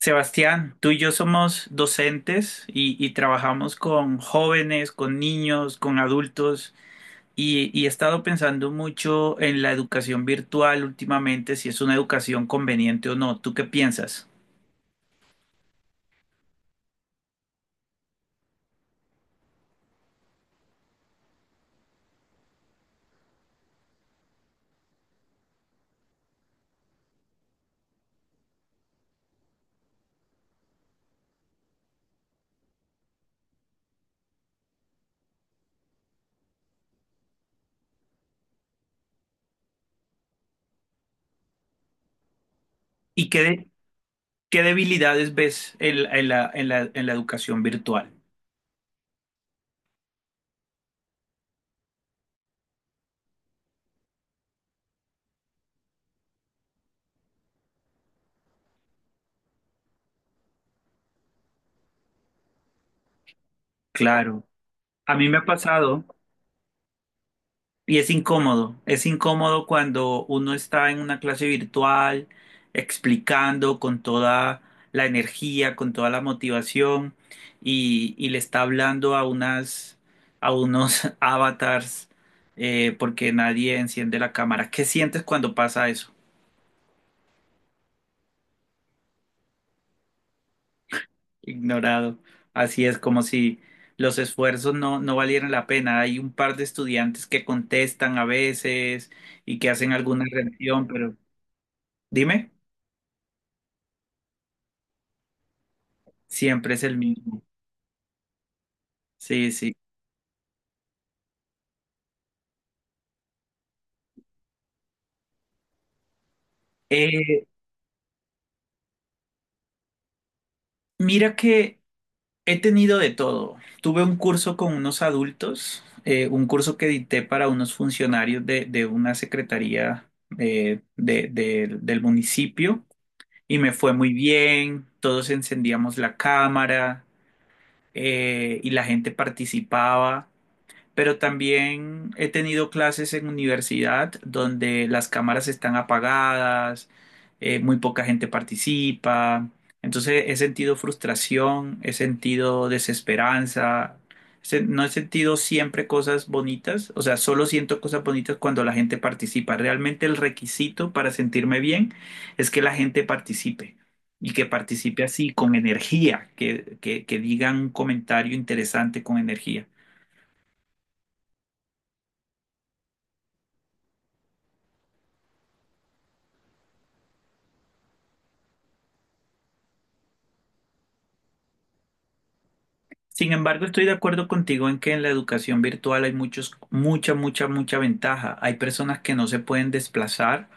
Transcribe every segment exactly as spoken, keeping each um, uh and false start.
Sebastián, tú y yo somos docentes y, y trabajamos con jóvenes, con niños, con adultos y, y he estado pensando mucho en la educación virtual últimamente, si es una educación conveniente o no. ¿Tú qué piensas? ¿Y qué, de- qué debilidades ves en, la, en la en la- en la educación virtual? Claro, a mí me ha pasado. Y es incómodo, es incómodo cuando uno está en una clase virtual explicando con toda la energía, con toda la motivación y, y le está hablando a unas, a unos avatars eh, porque nadie enciende la cámara. ¿Qué sientes cuando pasa eso? Ignorado. Así es como si los esfuerzos no, no valieran la pena. Hay un par de estudiantes que contestan a veces y que hacen alguna reacción, pero dime. Siempre es el mismo. Sí, sí. Eh, mira que he tenido de todo. Tuve un curso con unos adultos, eh, un curso que dicté para unos funcionarios de, de una secretaría eh, de- de- del municipio y me fue muy bien. Todos encendíamos la cámara, eh, y la gente participaba. Pero también he tenido clases en universidad donde las cámaras están apagadas, eh, muy poca gente participa. Entonces he sentido frustración, he sentido desesperanza, se- no he sentido siempre cosas bonitas, o sea, solo siento cosas bonitas cuando la gente participa. Realmente el requisito para sentirme bien es que la gente participe. Y que participe así, con energía, que, que, que digan un comentario interesante con energía. Sin embargo, estoy de acuerdo contigo en que en la educación virtual hay muchos, mucha, mucha, mucha ventaja. Hay personas que no se pueden desplazar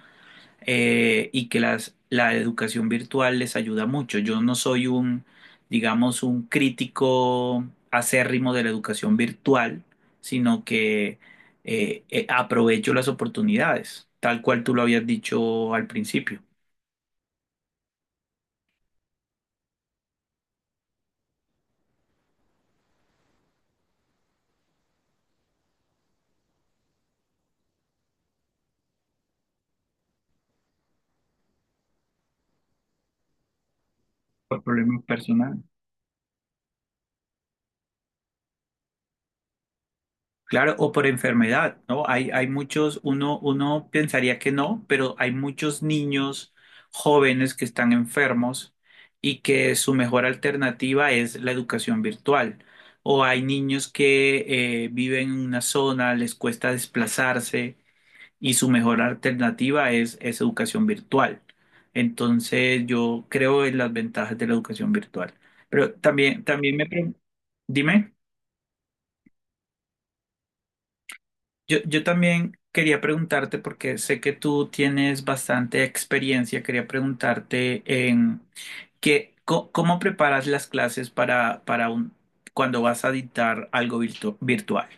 eh, y que las, la educación virtual les ayuda mucho. Yo no soy un, digamos, un crítico acérrimo de la educación virtual, sino que eh, eh, aprovecho las oportunidades, tal cual tú lo habías dicho al principio, por problemas personales. Claro, o por enfermedad, ¿no? Hay, hay muchos, uno, uno pensaría que no, pero hay muchos niños jóvenes que están enfermos y que su mejor alternativa es la educación virtual. O hay niños que eh, viven en una zona, les cuesta desplazarse y su mejor alternativa es, es educación virtual. Entonces, yo creo en las ventajas de la educación virtual. Pero también, también me... pre- dime. Yo, yo también quería preguntarte, porque sé que tú tienes bastante experiencia, quería preguntarte en que, co- cómo preparas las clases para, para un, cuando vas a dictar algo virtu- virtual.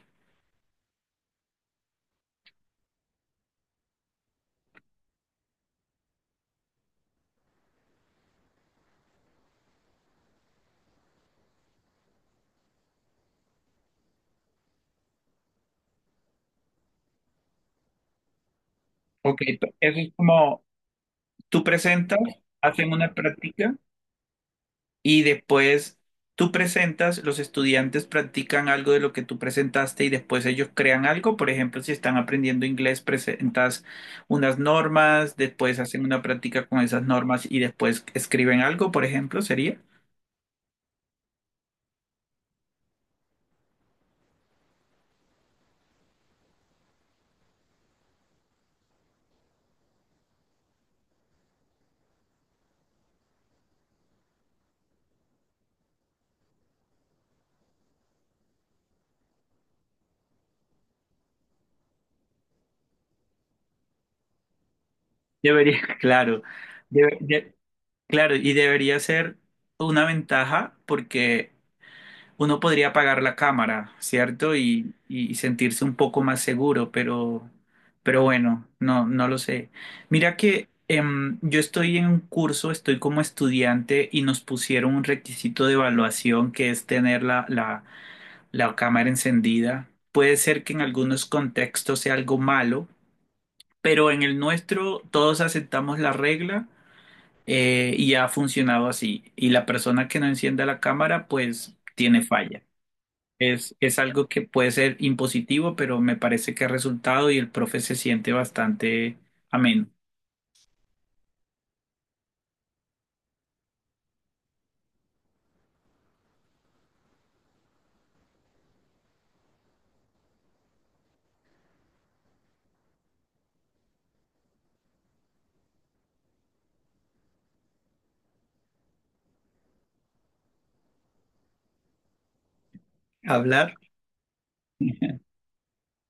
Ok, eso es como tú presentas, hacen una práctica. Y después tú presentas, los estudiantes practican algo de lo que tú presentaste y después ellos crean algo. Por ejemplo, si están aprendiendo inglés, presentas unas normas, después hacen una práctica con esas normas y después escriben algo, por ejemplo, sería. Debería, claro, debe- de- claro, y debería ser una ventaja porque uno podría apagar la cámara, ¿cierto? Y, y sentirse un poco más seguro, pero, pero bueno, no, no lo sé. Mira que em, yo estoy en un curso, estoy como estudiante y nos pusieron un requisito de evaluación que es tener la, la, la cámara encendida. Puede ser que en algunos contextos sea algo malo, pero en el nuestro todos aceptamos la regla, eh, y ha funcionado así. Y la persona que no encienda la cámara, pues tiene falla. Es, es algo que puede ser impositivo, pero me parece que ha resultado y el profe se siente bastante ameno. Hablar.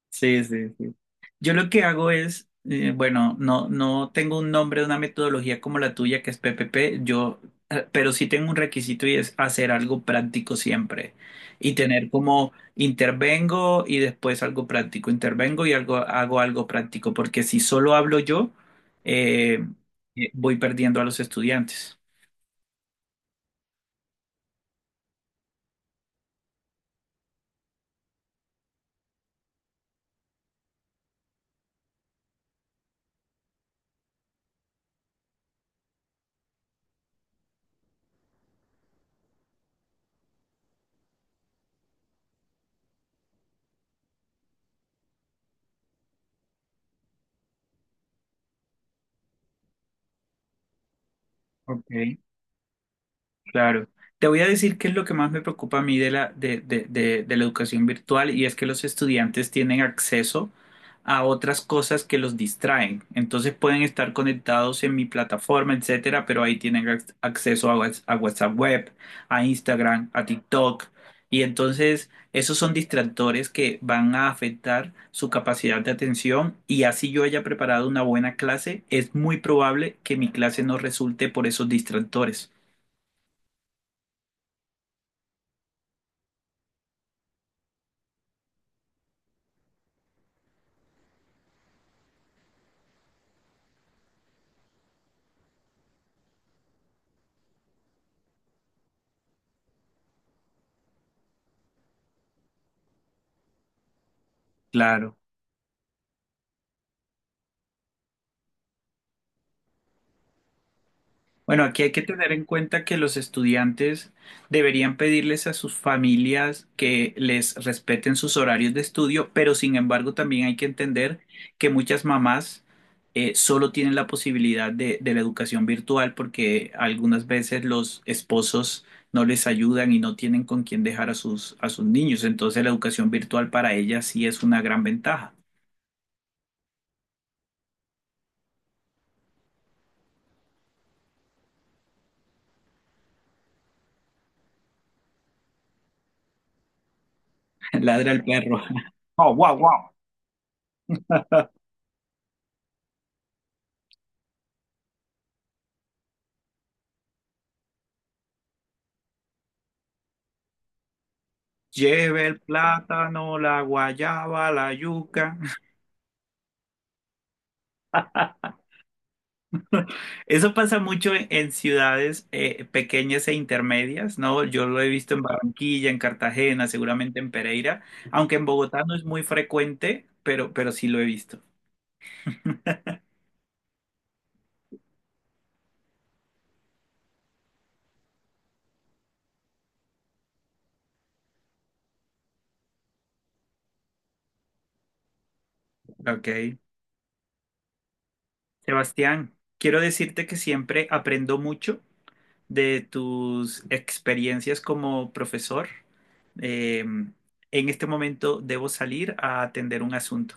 Sí, sí, sí. Yo lo que hago es, eh, bueno, no, no tengo un nombre, una metodología como la tuya, que es P P P, yo, eh, pero sí tengo un requisito y es hacer algo práctico siempre y tener como intervengo y después algo práctico, intervengo y algo, hago algo práctico, porque si solo hablo yo, eh, eh, voy perdiendo a los estudiantes. Ok, claro. Te voy a decir qué es lo que más me preocupa a mí de la, de, de, de, de la educación virtual y es que los estudiantes tienen acceso a otras cosas que los distraen. Entonces pueden estar conectados en mi plataforma, etcétera, pero ahí tienen ac- acceso a, Whats- a WhatsApp Web, a Instagram, a TikTok. Y entonces esos son distractores que van a afectar su capacidad de atención y así yo haya preparado una buena clase, es muy probable que mi clase no resulte por esos distractores. Claro. Bueno, aquí hay que tener en cuenta que los estudiantes deberían pedirles a sus familias que les respeten sus horarios de estudio, pero sin embargo también hay que entender que muchas mamás eh, solo tienen la posibilidad de, de la educación virtual porque algunas veces los esposos no les ayudan y no tienen con quién dejar a sus, a sus niños. Entonces la educación virtual para ellas sí es una gran ventaja. Ladra el perro. Oh, wow, wow. Lleve el plátano, la guayaba, la yuca. Eso pasa mucho en, en ciudades eh, pequeñas e intermedias, ¿no? Yo lo he visto en Barranquilla, en Cartagena, seguramente en Pereira, aunque en Bogotá no es muy frecuente, pero, pero sí lo he visto. Ok. Sebastián, quiero decirte que siempre aprendo mucho de tus experiencias como profesor. Eh, en este momento debo salir a atender un asunto.